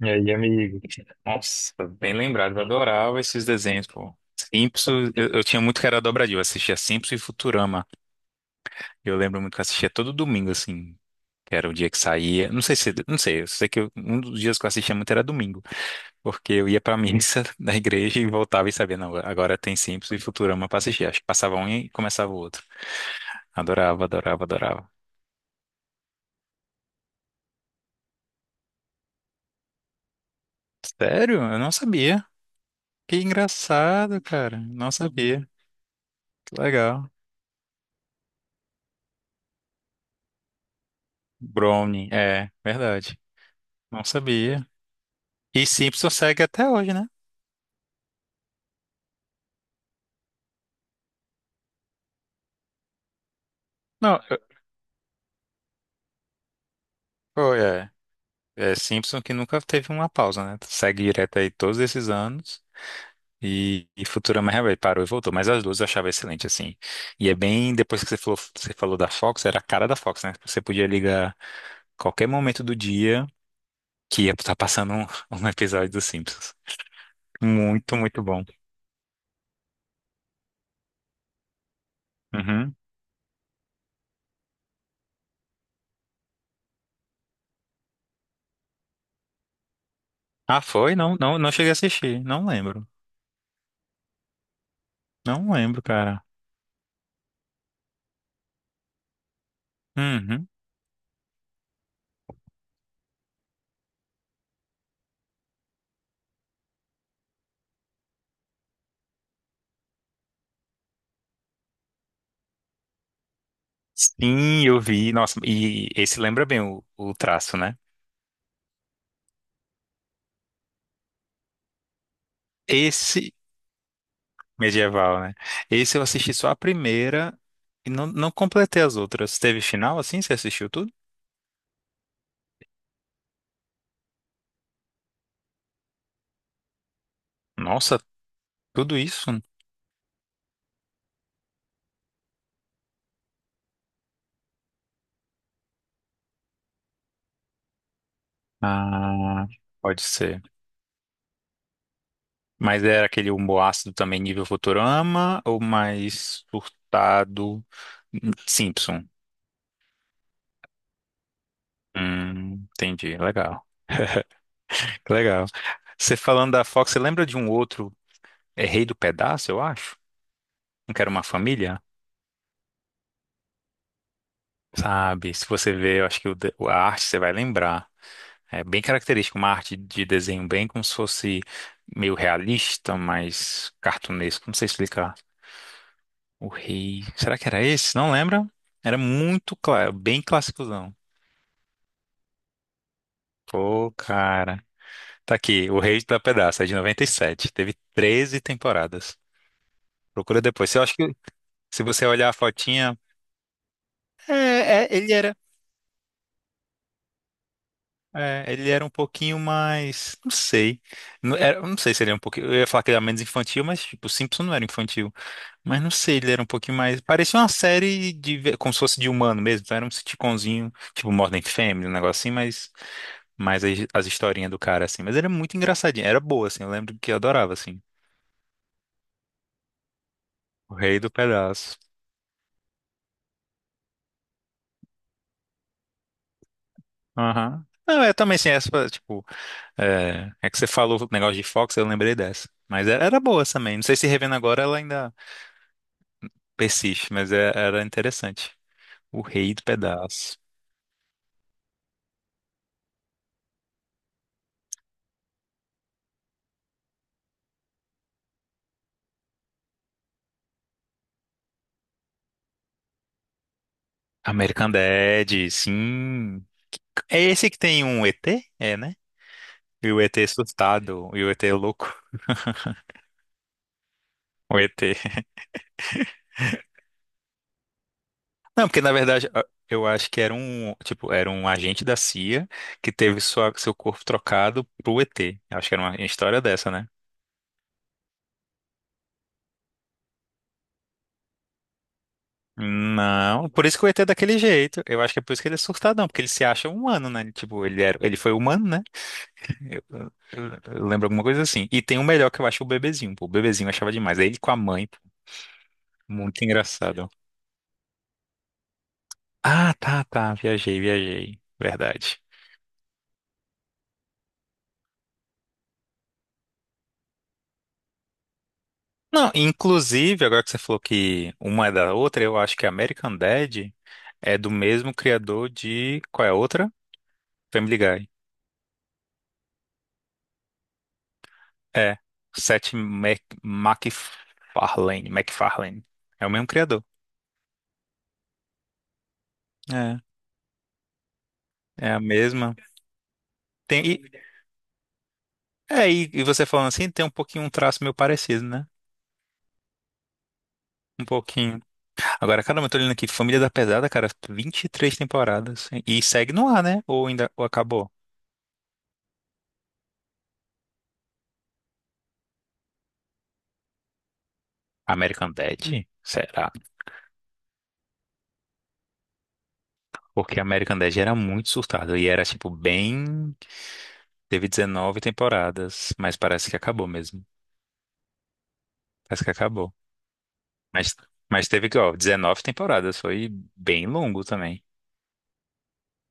E aí, amigo? Nossa, bem lembrado, eu adorava desenhos, pô. Simpsons, eu tinha muito que era dobradinho, eu assistia Simpsons e Futurama. Eu lembro muito que eu assistia todo domingo, assim, que era o dia que saía. Não sei se, não sei, eu sei que um dos dias que eu assistia muito era domingo, porque eu ia pra missa da igreja e voltava e sabia, não, agora tem Simpsons e Futurama pra assistir. Acho que passava um e começava o outro. Adorava, adorava, adorava. Sério? Eu não sabia. Que engraçado, cara. Não sabia. Que legal. Brownie, é, verdade. Não sabia. E Simpson segue até hoje, né? Não, oh, é. É Simpson que nunca teve uma pausa, né? Segue direto aí todos esses anos. E Futurama realmente parou e voltou. Mas as duas eu achava excelente, assim. E é bem. Depois que você falou da Fox, era a cara da Fox, né? Você podia ligar qualquer momento do dia que ia estar passando um, um episódio dos Simpsons. Muito, muito bom. Uhum. Ah, foi? Não, não, não cheguei a assistir. Não lembro. Não lembro, cara. Uhum. Sim, eu vi. Nossa, e esse lembra bem o traço, né? Esse medieval, né? Esse eu assisti só a primeira e não completei as outras. Teve final assim? Você assistiu tudo? Nossa, tudo isso? Ah, pode ser. Mas era aquele humor ácido também nível Futurama ou mais surtado Simpson? Entendi. Legal. Que legal. Você falando da Fox, você lembra de um outro, é Rei do Pedaço, eu acho? Não quero uma família? Sabe, se você ver, eu acho que a arte você vai lembrar. É bem característico, uma arte de desenho bem como se fosse meio realista, mas cartunesco. Não sei explicar. O rei. Será que era esse? Não lembra? Era muito claro, bem classicozão. Pô, cara. Tá aqui, O Rei da Pedaça, é de 97. Teve 13 temporadas. Procura depois. Eu acho que se você olhar a fotinha. É, ele era. É, ele era um pouquinho mais, não sei, não, era, eu não sei se ele era um pouquinho, eu ia falar que ele era menos infantil, mas tipo, Simpson não era infantil, mas não sei, ele era um pouquinho mais, parecia uma série de, como se fosse de humano mesmo, então era um sitcomzinho, tipo Modern Family, um negócio assim, mas as historinhas do cara assim, mas era muito engraçadinho, era boa assim, eu lembro que eu adorava assim, o rei do pedaço. Aham. Não, é também assim, essa, tipo, é que você falou o negócio de Fox, eu lembrei dessa. Mas era boa também. Não sei se revendo agora ela ainda. Persiste, mas era interessante. O Rei do Pedaço. American Dad, sim. É esse que tem um ET? É, né? E o ET assustado, e o ET louco. O ET. Não, porque na verdade eu acho que era um, tipo, era um agente da CIA que teve seu corpo trocado pro ET. Eu acho que era uma história dessa, né? Não, por isso que o ET é daquele jeito. Eu acho que é por isso que ele é surtadão, porque ele se acha humano, né? Tipo, ele era, ele foi humano, né? Eu lembro alguma coisa assim. E tem o melhor que eu acho o bebezinho, pô. O bebezinho eu achava demais. É ele com a mãe, pô. Muito engraçado. Ah, tá, tá. Viajei, viajei. Verdade. Não, inclusive, agora que você falou que uma é da outra, eu acho que American Dad é do mesmo criador de. Qual é a outra? Family Guy. É. Seth MacFarlane. MacFarlane. É o mesmo criador. É. É a mesma. Tem... E... É, e você falando assim, tem um pouquinho um traço meio parecido, né? Um pouquinho. Agora, caramba, eu tô olhando aqui, Família da Pesada, cara, 23 temporadas. E segue no ar, né? Ou ainda ou acabou? American Dad? Será? Porque American Dad era muito surtado e era, tipo, bem. Teve 19 temporadas, mas parece que acabou mesmo. Parece que acabou. Mas, mas teve, ó, 19 temporadas, foi bem longo também.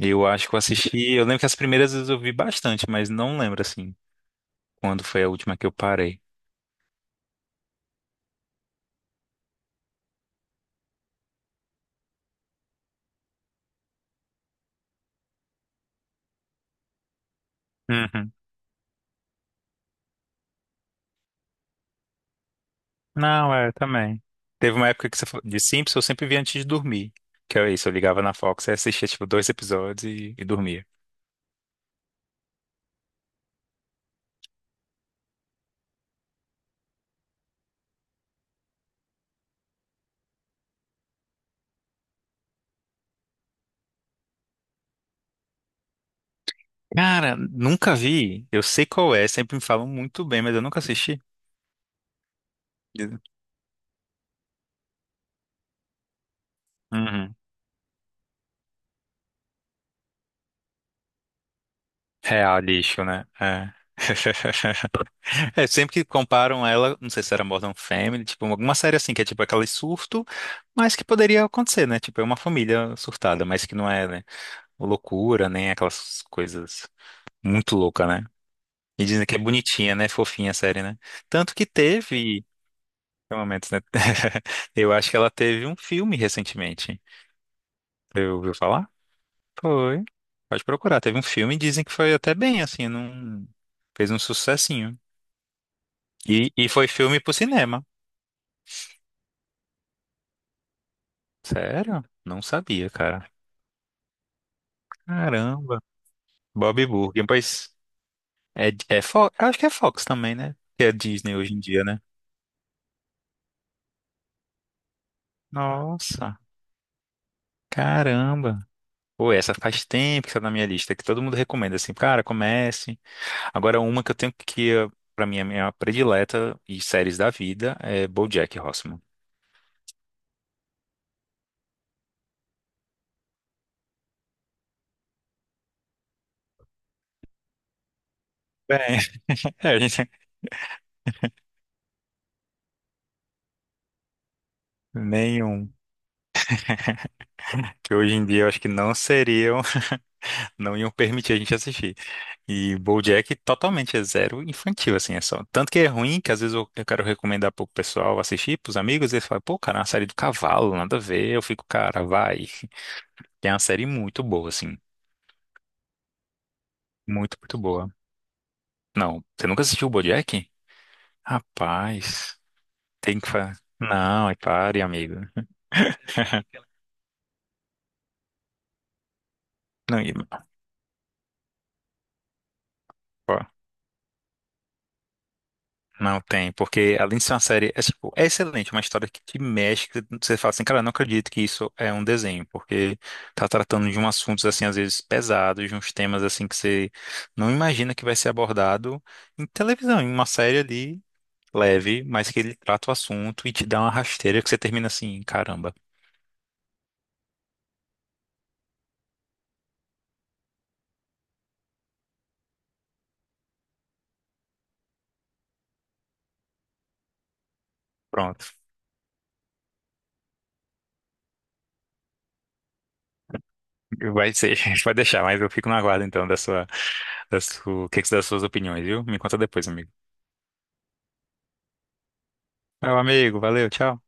Eu acho que eu assisti. Eu lembro que as primeiras vezes eu vi bastante, mas não lembro, assim, quando foi a última que eu parei. Uhum. Não, é, também. Teve uma época que você falou de Simpsons, eu sempre via antes de dormir. Que é isso, eu ligava na Fox e assistia, tipo, dois episódios e dormia. Cara, nunca vi. Eu sei qual é, sempre me falam muito bem, mas eu nunca assisti. Uhum. Real, lixo, né? É. É, sempre que comparam ela, não sei se era Modern Family, tipo, alguma série assim, que é tipo aquele surto, mas que poderia acontecer, né? Tipo, é uma família surtada, mas que não é, né, loucura, nem aquelas coisas muito loucas, né? E dizem que é bonitinha, né? Fofinha a série, né? Tanto que teve. Tem momentos, né? Eu acho que ela teve um filme recentemente. Você ouviu falar? Foi. Pode procurar. Teve um filme e dizem que foi até bem, assim, não fez um sucessinho. E foi filme pro cinema. Sério? Não sabia, cara. Caramba. Bob Burger, pois é, é, Fox, acho que é Fox também, né? Que é Disney hoje em dia, né? Nossa, caramba. Pô, essa faz tempo que está na minha lista, que todo mundo recomenda assim, cara, comece. Agora, uma que eu tenho que, pra mim, é a minha predileta e séries da vida é BoJack Horseman. Bem, a gente, nenhum. Que hoje em dia eu acho que não seriam, não iam permitir a gente assistir. E BoJack totalmente é zero infantil, assim, é só. Tanto que é ruim que às vezes eu quero recomendar pro pessoal assistir, pros amigos, e eles falam, pô, cara, é uma série do cavalo, nada a ver. Eu fico, cara, vai. É uma série muito boa, assim. Muito, muito boa. Não, você nunca assistiu o BoJack? Rapaz, tem que fazer. Não, e pare, amigo. Não, ó, não tem, porque além de ser uma série, é, tipo, é excelente, é uma história que te mexe, que você fala assim, cara, eu não acredito que isso é um desenho, porque tá tratando de um assuntos, assim, às vezes pesados, de uns temas, assim, que você não imagina que vai ser abordado em televisão, em uma série ali, leve, mas que ele trata o assunto e te dá uma rasteira que você termina assim, caramba. Pronto, vai ser, vai deixar, mas eu fico na guarda então da sua. O que que você das suas opiniões, viu? Me conta depois, amigo. Meu amigo, valeu, tchau.